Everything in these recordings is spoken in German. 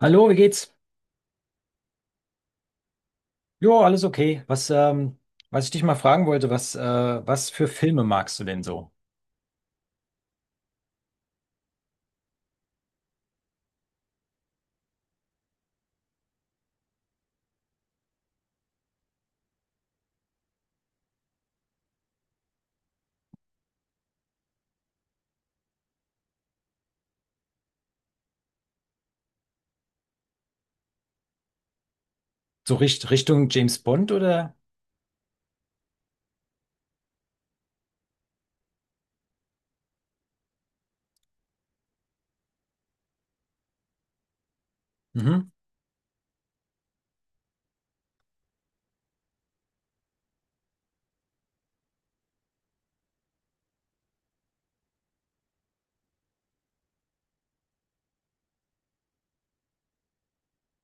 Hallo, wie geht's? Jo, alles okay. Was, was ich dich mal fragen wollte, was, was für Filme magst du denn so? So Richtung James Bond oder? Mhm.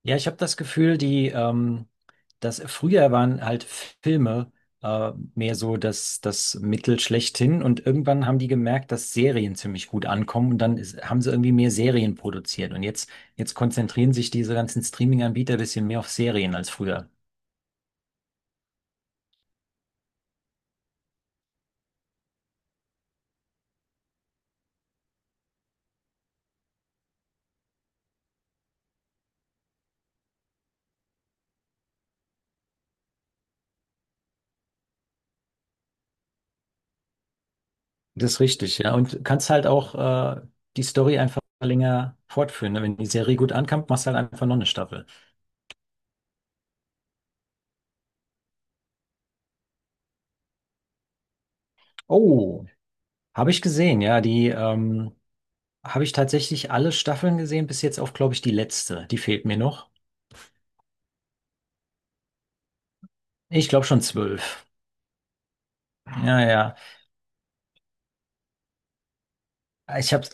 Ja, ich habe das Gefühl, dass früher waren halt Filme mehr so das Mittel schlechthin, und irgendwann haben die gemerkt, dass Serien ziemlich gut ankommen, und dann haben sie irgendwie mehr Serien produziert. Und jetzt konzentrieren sich diese ganzen Streaming-Anbieter ein bisschen mehr auf Serien als früher. Das ist richtig, ja. Und kannst halt auch äh, die Story einfach länger fortführen. Ne? Wenn die Serie gut ankommt, machst du halt einfach noch eine Staffel. Oh, habe ich gesehen, ja. Die habe ich tatsächlich alle Staffeln gesehen, bis jetzt auf, glaube ich, die letzte. Die fehlt mir noch. Ich glaube schon zwölf. Ja, ja. Ich hab's,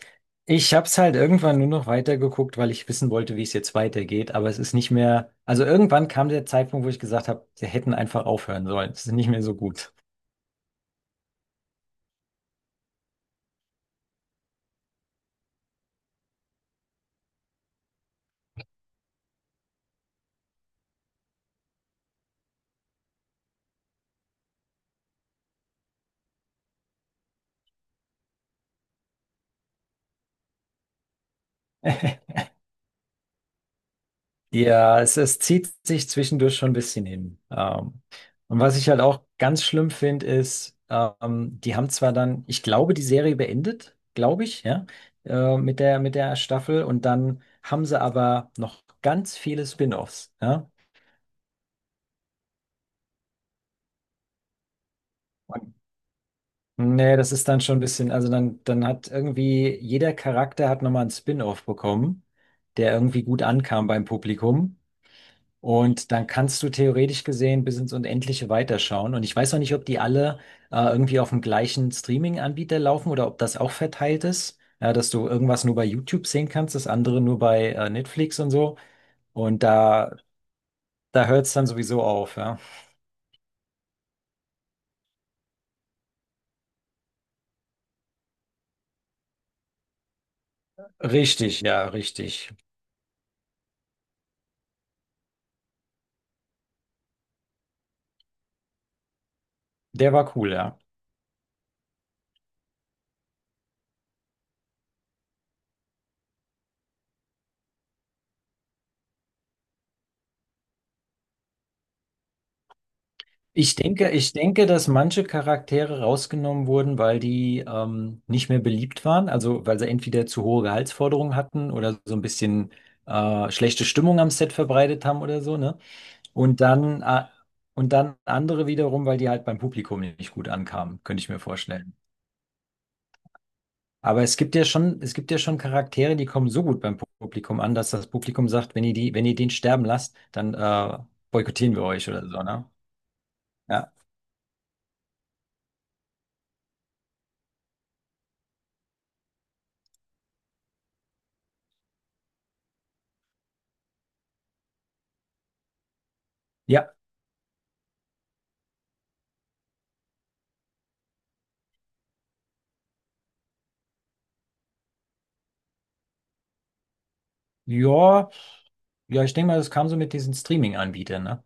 ich hab's halt irgendwann nur noch weitergeguckt, weil ich wissen wollte, wie es jetzt weitergeht. Aber es ist nicht mehr. Also irgendwann kam der Zeitpunkt, wo ich gesagt habe, sie hätten einfach aufhören sollen. Es ist nicht mehr so gut. Ja, es zieht sich zwischendurch schon ein bisschen hin. Und was ich halt auch ganz schlimm finde, die haben zwar dann, ich glaube, die Serie beendet, glaube ich, ja, mit der Staffel, und dann haben sie aber noch ganz viele Spin-offs, ja. Und nee, das ist dann schon ein bisschen, also dann hat irgendwie jeder Charakter hat nochmal einen Spin-off bekommen, der irgendwie gut ankam beim Publikum. Und dann kannst du theoretisch gesehen bis ins Unendliche weiterschauen. Und ich weiß noch nicht, ob die alle irgendwie auf dem gleichen Streaming-Anbieter laufen oder ob das auch verteilt ist. Ja, dass du irgendwas nur bei YouTube sehen kannst, das andere nur bei Netflix und so. Und da hört es dann sowieso auf, ja. Richtig, ja, richtig. Der war cool, ja. Ich denke, dass manche Charaktere rausgenommen wurden, weil die nicht mehr beliebt waren. Also weil sie entweder zu hohe Gehaltsforderungen hatten oder so ein bisschen schlechte Stimmung am Set verbreitet haben oder so, ne? Und und dann andere wiederum, weil die halt beim Publikum nicht gut ankamen, könnte ich mir vorstellen. Aber es gibt ja schon Charaktere, die kommen so gut beim Publikum an, dass das Publikum sagt, wenn ihr wenn ihr den sterben lasst, dann boykottieren wir euch oder so, ne? Ja. Ja. Ja, Ja, ich denke mal, das kam so mit diesen Streaming-Anbietern, ne?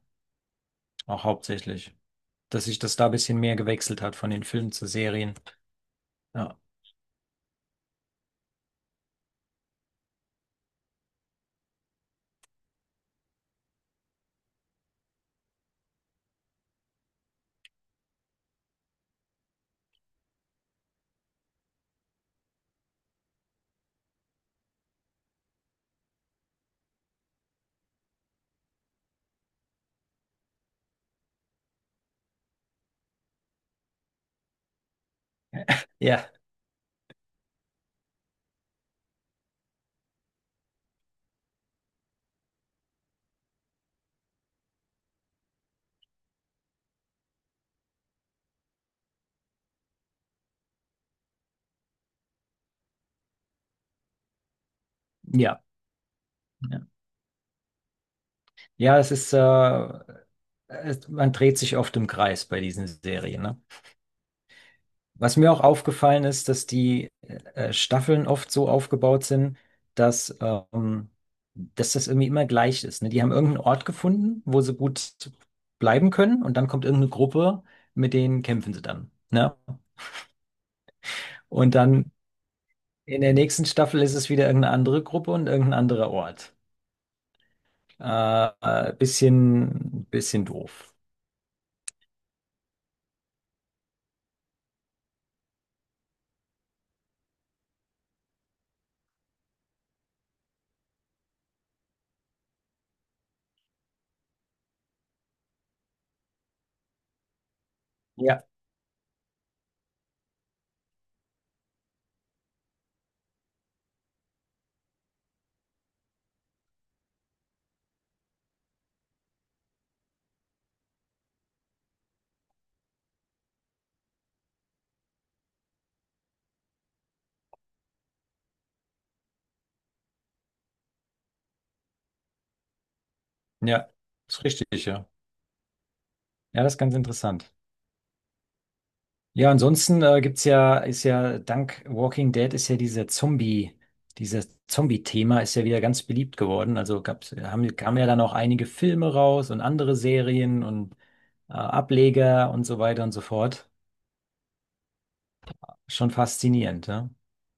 Auch hauptsächlich. Dass sich das da ein bisschen mehr gewechselt hat von den Filmen zu Serien. Ja. Ja. Ja, ja. Ja, man dreht sich oft im Kreis bei diesen Serien, ne? Was mir auch aufgefallen ist, dass die Staffeln oft so aufgebaut sind, dass, ähm, dass das irgendwie immer gleich ist, ne? Die haben irgendeinen Ort gefunden, wo sie gut bleiben können, und dann kommt irgendeine Gruppe, mit denen kämpfen sie dann. Ne? Und dann in der nächsten Staffel ist es wieder irgendeine andere Gruppe und irgendein anderer Ort. Bisschen doof. Ja, ja, ist richtig, ja. Ja, das ist ganz interessant. Ja, ansonsten gibt's ja, ist ja, dank Walking Dead ist ja dieser dieses Zombie-Thema ist ja wieder ganz beliebt geworden. Also kamen ja dann auch einige Filme raus und andere Serien und Ableger und so weiter und so fort. Schon faszinierend, ja.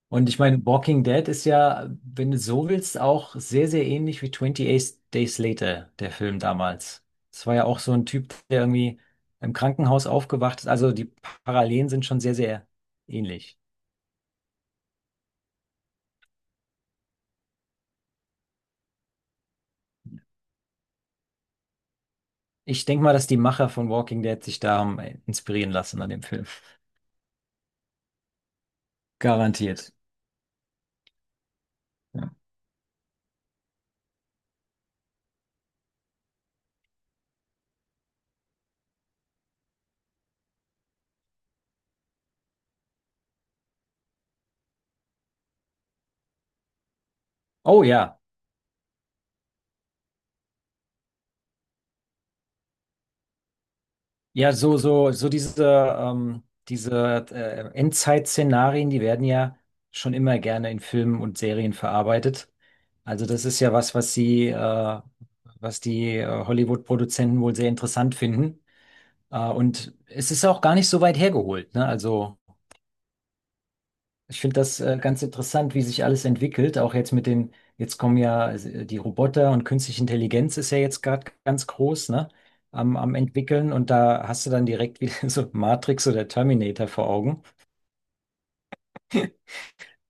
Und ich meine, Walking Dead ist ja, wenn du so willst, auch sehr, sehr ähnlich wie 28 Days Later, der Film damals. Es war ja auch so ein Typ, der irgendwie im Krankenhaus aufgewacht ist. Also die Parallelen sind schon sehr, sehr ähnlich. Ich denke mal, dass die Macher von Walking Dead sich da haben inspirieren lassen an dem Film. Garantiert. Ja. Oh ja. Ja, ähm, diese Endzeit-Szenarien, die werden ja schon immer gerne in Filmen und Serien verarbeitet. Also das ist ja was, was die Hollywood-Produzenten wohl sehr interessant finden. Und es ist auch gar nicht so weit hergeholt, ne? Also ich finde das ganz interessant, wie sich alles entwickelt. Auch jetzt mit jetzt kommen ja also, die Roboter, und künstliche Intelligenz ist ja jetzt gerade ganz groß, ne? Am Entwickeln, und da hast du dann direkt wieder so Matrix oder Terminator vor Augen.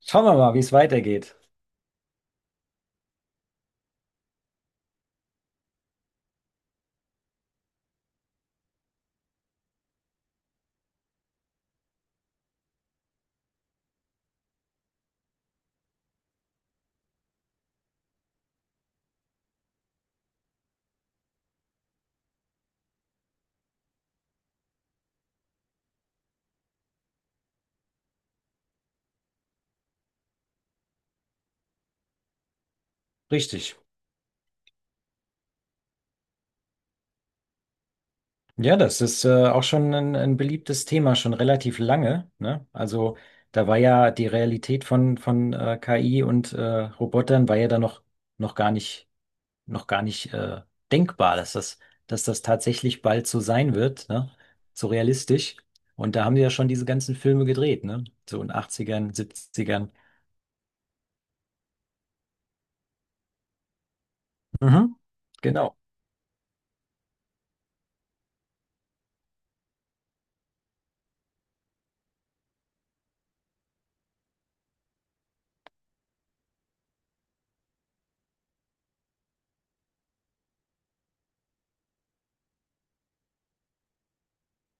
Schauen wir mal, wie es weitergeht. Richtig. Ja, das ist auch schon ein beliebtes Thema, schon relativ lange, ne? Also da war ja die Realität von KI und Robotern war ja da noch gar nicht noch gar nicht denkbar, dass das tatsächlich bald so sein wird, ne? So realistisch. Und da haben die ja schon diese ganzen Filme gedreht, ne? So in Achtzigern, Siebzigern. Mhm. Genau.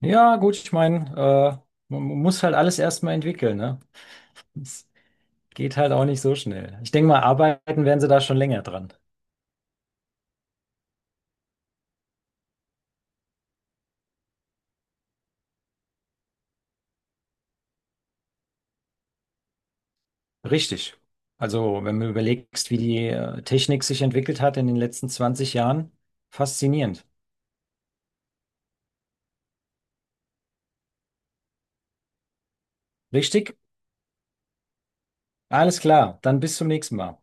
Ja, gut, ich meine, man muss halt alles erstmal entwickeln, ne? Es geht halt auch nicht so schnell. Ich denke mal, arbeiten werden sie da schon länger dran. Richtig. Also, wenn du überlegst, wie die Technik sich entwickelt hat in den letzten 20 Jahren, faszinierend. Richtig? Alles klar, dann bis zum nächsten Mal.